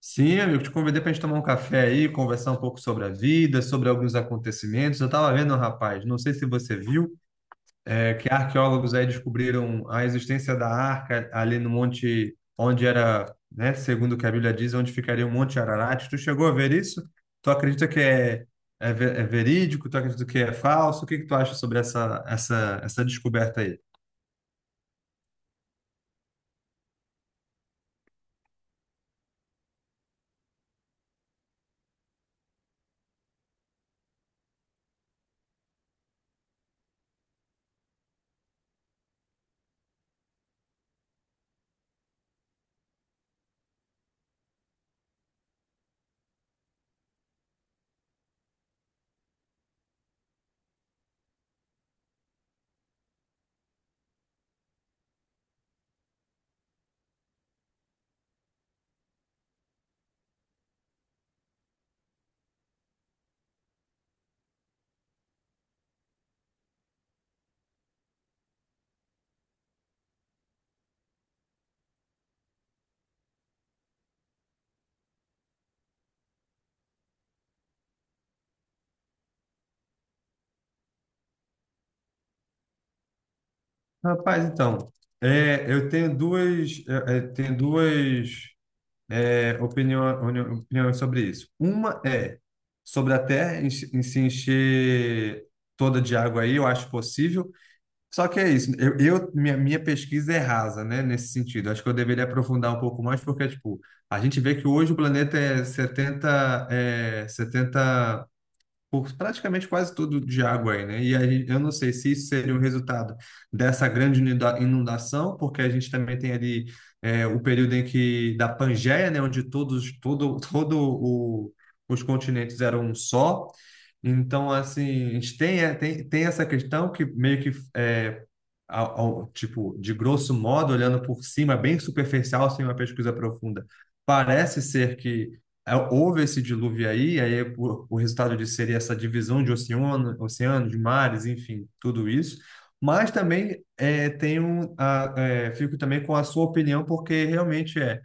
Sim, eu te convidei para a gente tomar um café aí, conversar um pouco sobre a vida, sobre alguns acontecimentos. Eu estava vendo, rapaz, não sei se você viu, que arqueólogos aí descobriram a existência da arca ali no monte onde era, né, segundo o que a Bíblia diz, onde ficaria o Monte Ararat. Tu chegou a ver isso? Tu acredita que é verídico? Tu acredita que é falso? O que que tu acha sobre essa descoberta aí? Rapaz, então, eu tenho duas, tenho duas opiniões sobre isso. Uma é sobre a Terra se se encher toda de água aí, eu acho possível. Só que é isso, minha pesquisa é rasa, né, nesse sentido. Acho que eu deveria aprofundar um pouco mais, porque, tipo, a gente vê que hoje o planeta é 70 setenta por praticamente quase tudo de água aí, né? E a gente, eu não sei se isso seria o resultado dessa grande inundação, porque a gente também tem ali o período em que da Pangeia, né, onde todo os continentes eram um só. Então, assim, a gente tem, tem essa questão que meio que é, tipo, de grosso modo, olhando por cima, bem superficial, sem uma pesquisa profunda, parece ser que houve esse dilúvio aí, o resultado disso seria essa divisão de oceano, de mares, enfim, tudo isso. Mas também fico também com a sua opinião, porque realmente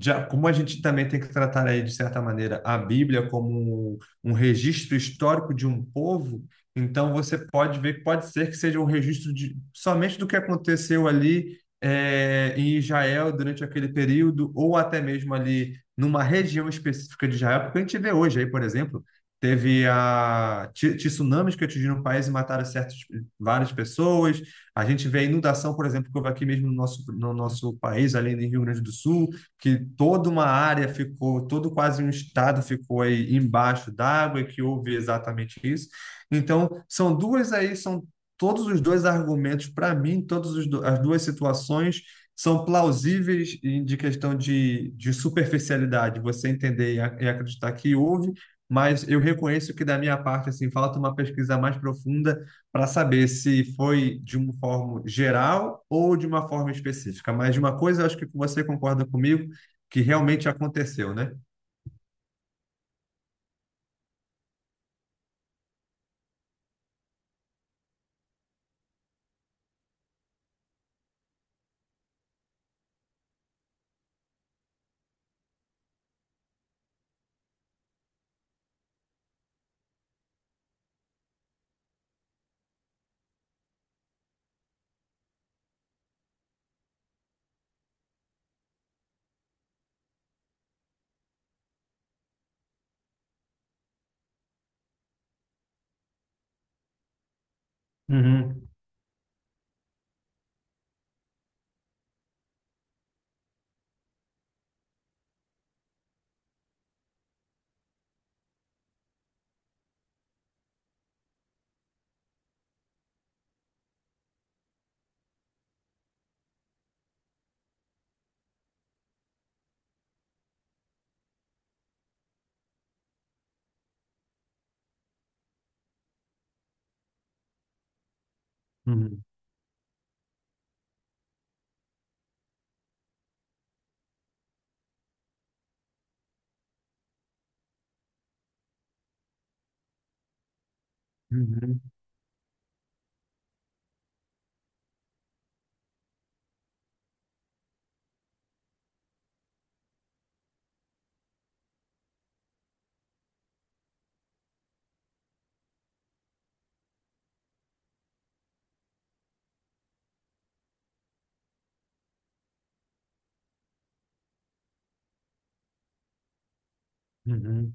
já, como a gente também tem que tratar aí, de certa maneira, a Bíblia como um, um registro histórico de um povo, então você pode ver que pode ser que seja um registro de, somente do que aconteceu ali em Israel durante aquele período, ou até mesmo ali numa região específica de Israel, porque a gente vê hoje aí, por exemplo, teve tsunamis que atingiram o país e mataram certas várias pessoas. A gente vê a inundação, por exemplo, que houve aqui mesmo no nosso país, ali no Rio Grande do Sul, que toda uma área ficou, todo quase um estado ficou aí embaixo d'água e que houve exatamente isso. Então, são duas aí, são todos os dois argumentos para mim, todas as duas situações são plausíveis de questão de superficialidade, você entender e e acreditar que houve, mas eu reconheço que da minha parte, assim, falta uma pesquisa mais profunda para saber se foi de uma forma geral ou de uma forma específica. Mas de uma coisa, eu acho que você concorda comigo, que realmente aconteceu, né? Uhum, uhum, uhum, uhum.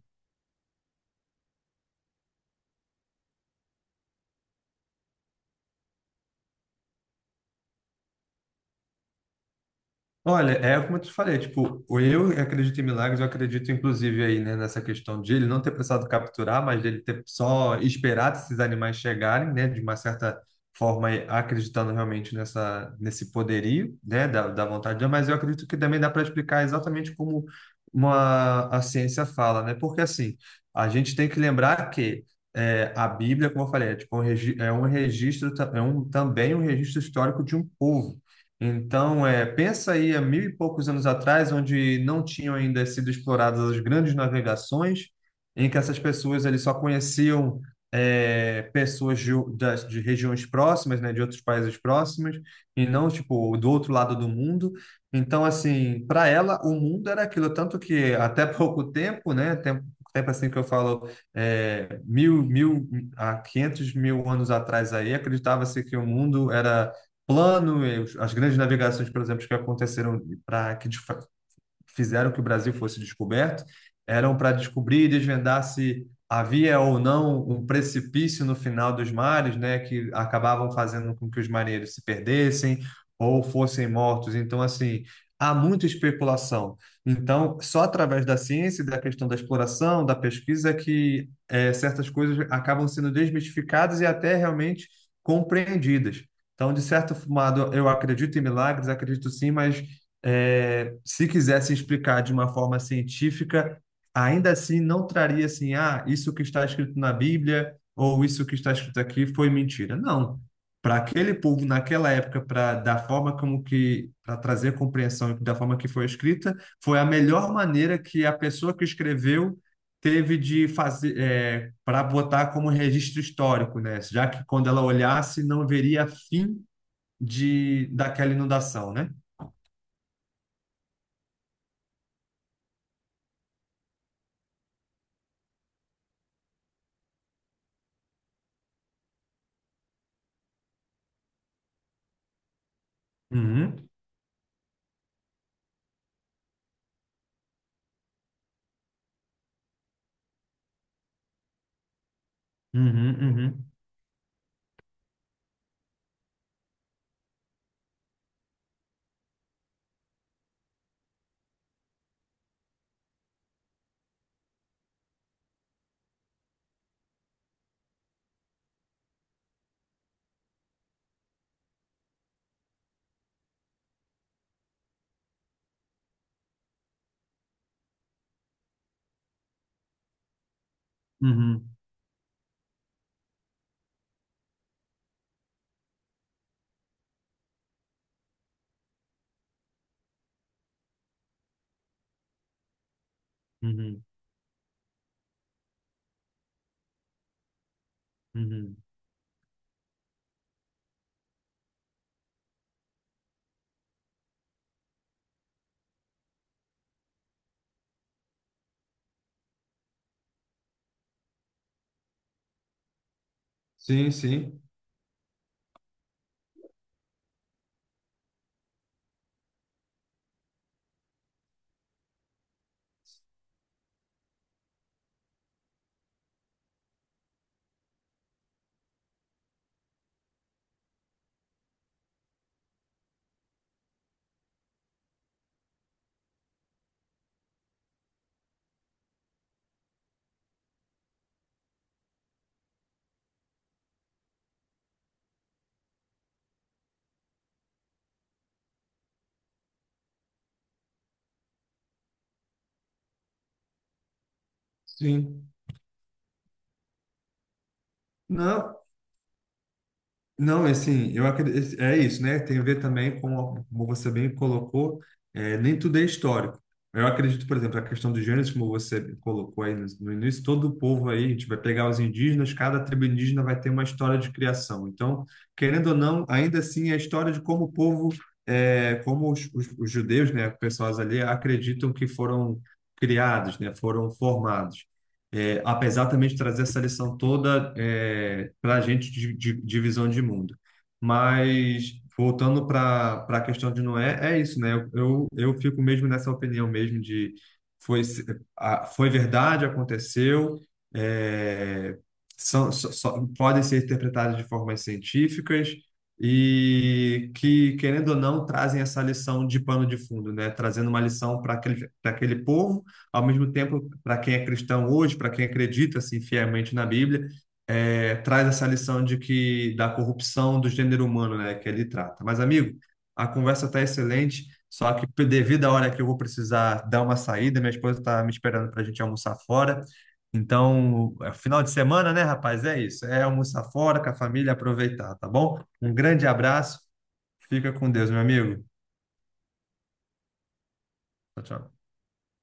Olha, é como eu te falei, tipo, o eu acredito em milagres, eu acredito inclusive aí, né, nessa questão de ele não ter precisado capturar, mas dele ter só esperado esses animais chegarem, né, de uma certa forma acreditando realmente nesse poderio, né, da vontade de Deus, mas eu acredito que também dá para explicar exatamente como uma, a ciência fala, né, porque assim, a gente tem que lembrar que a Bíblia, como eu falei, é, tipo um, é um registro, é um, também um registro histórico de um povo, então, pensa aí há mil e poucos anos atrás, onde não tinham ainda sido exploradas as grandes navegações, em que essas pessoas ali só conheciam pessoas de, de regiões próximas, né, de outros países próximos, e não tipo do outro lado do mundo. Então, assim, para ela, o mundo era aquilo, tanto que até pouco tempo, né, tempo assim que eu falo, é, mil, mil, a 500 mil anos atrás aí, acreditava-se que o mundo era plano, e as grandes navegações, por exemplo, que aconteceram para que fizeram que o Brasil fosse descoberto eram para descobrir e desvendar se havia ou não um precipício no final dos mares, né, que acabavam fazendo com que os marinheiros se perdessem ou fossem mortos. Então, assim, há muita especulação. Então, só através da ciência e da questão da exploração, da pesquisa, que certas coisas acabam sendo desmistificadas e até realmente compreendidas. Então, de certo modo, eu acredito em milagres, acredito sim, mas se quisesse explicar de uma forma científica, ainda assim não traria assim, ah, isso que está escrito na Bíblia ou isso que está escrito aqui foi mentira. Não. Para aquele povo naquela época, para da forma como que para trazer compreensão da forma que foi escrita, foi a melhor maneira que a pessoa que escreveu teve de fazer para botar como registro histórico, né? Já que quando ela olhasse não veria fim de daquela inundação, né? Uhum. Uhum, uhum, uhum, uhum, uhum. Sim, sim, sim. Não, Não, e assim, eu acredito, é isso, né? Tem a ver também com, como você bem colocou, nem tudo é histórico. Eu acredito, por exemplo, a questão dos gêneros, como você colocou aí no início, todo o povo aí, a gente vai pegar os indígenas, cada tribo indígena vai ter uma história de criação. Então, querendo ou não, ainda assim, é a história de como o povo, é, como os judeus, né, pessoas ali, acreditam que foram criados, né, foram formados apesar também de trazer essa lição toda para a gente de visão de mundo. Mas voltando para a questão de Noé, é isso, né? Eu fico mesmo nessa opinião mesmo de foi, se- a- foi verdade, aconteceu, é, podem ser interpretadas de formas científicas e que, querendo ou não, trazem essa lição de pano de fundo, né? Trazendo uma lição para para aquele povo ao mesmo tempo, para quem é cristão hoje, para quem acredita assim fielmente na Bíblia, traz essa lição de que da corrupção do gênero humano, né, que ele trata. Mas amigo, a conversa está excelente, só que devido à hora que eu vou precisar dar uma saída, minha esposa está me esperando para a gente almoçar fora. Então, é final de semana, né, rapaz? É isso. É almoçar fora com a família, aproveitar, tá bom? Um grande abraço. Fica com Deus, meu amigo. Tchau, tchau.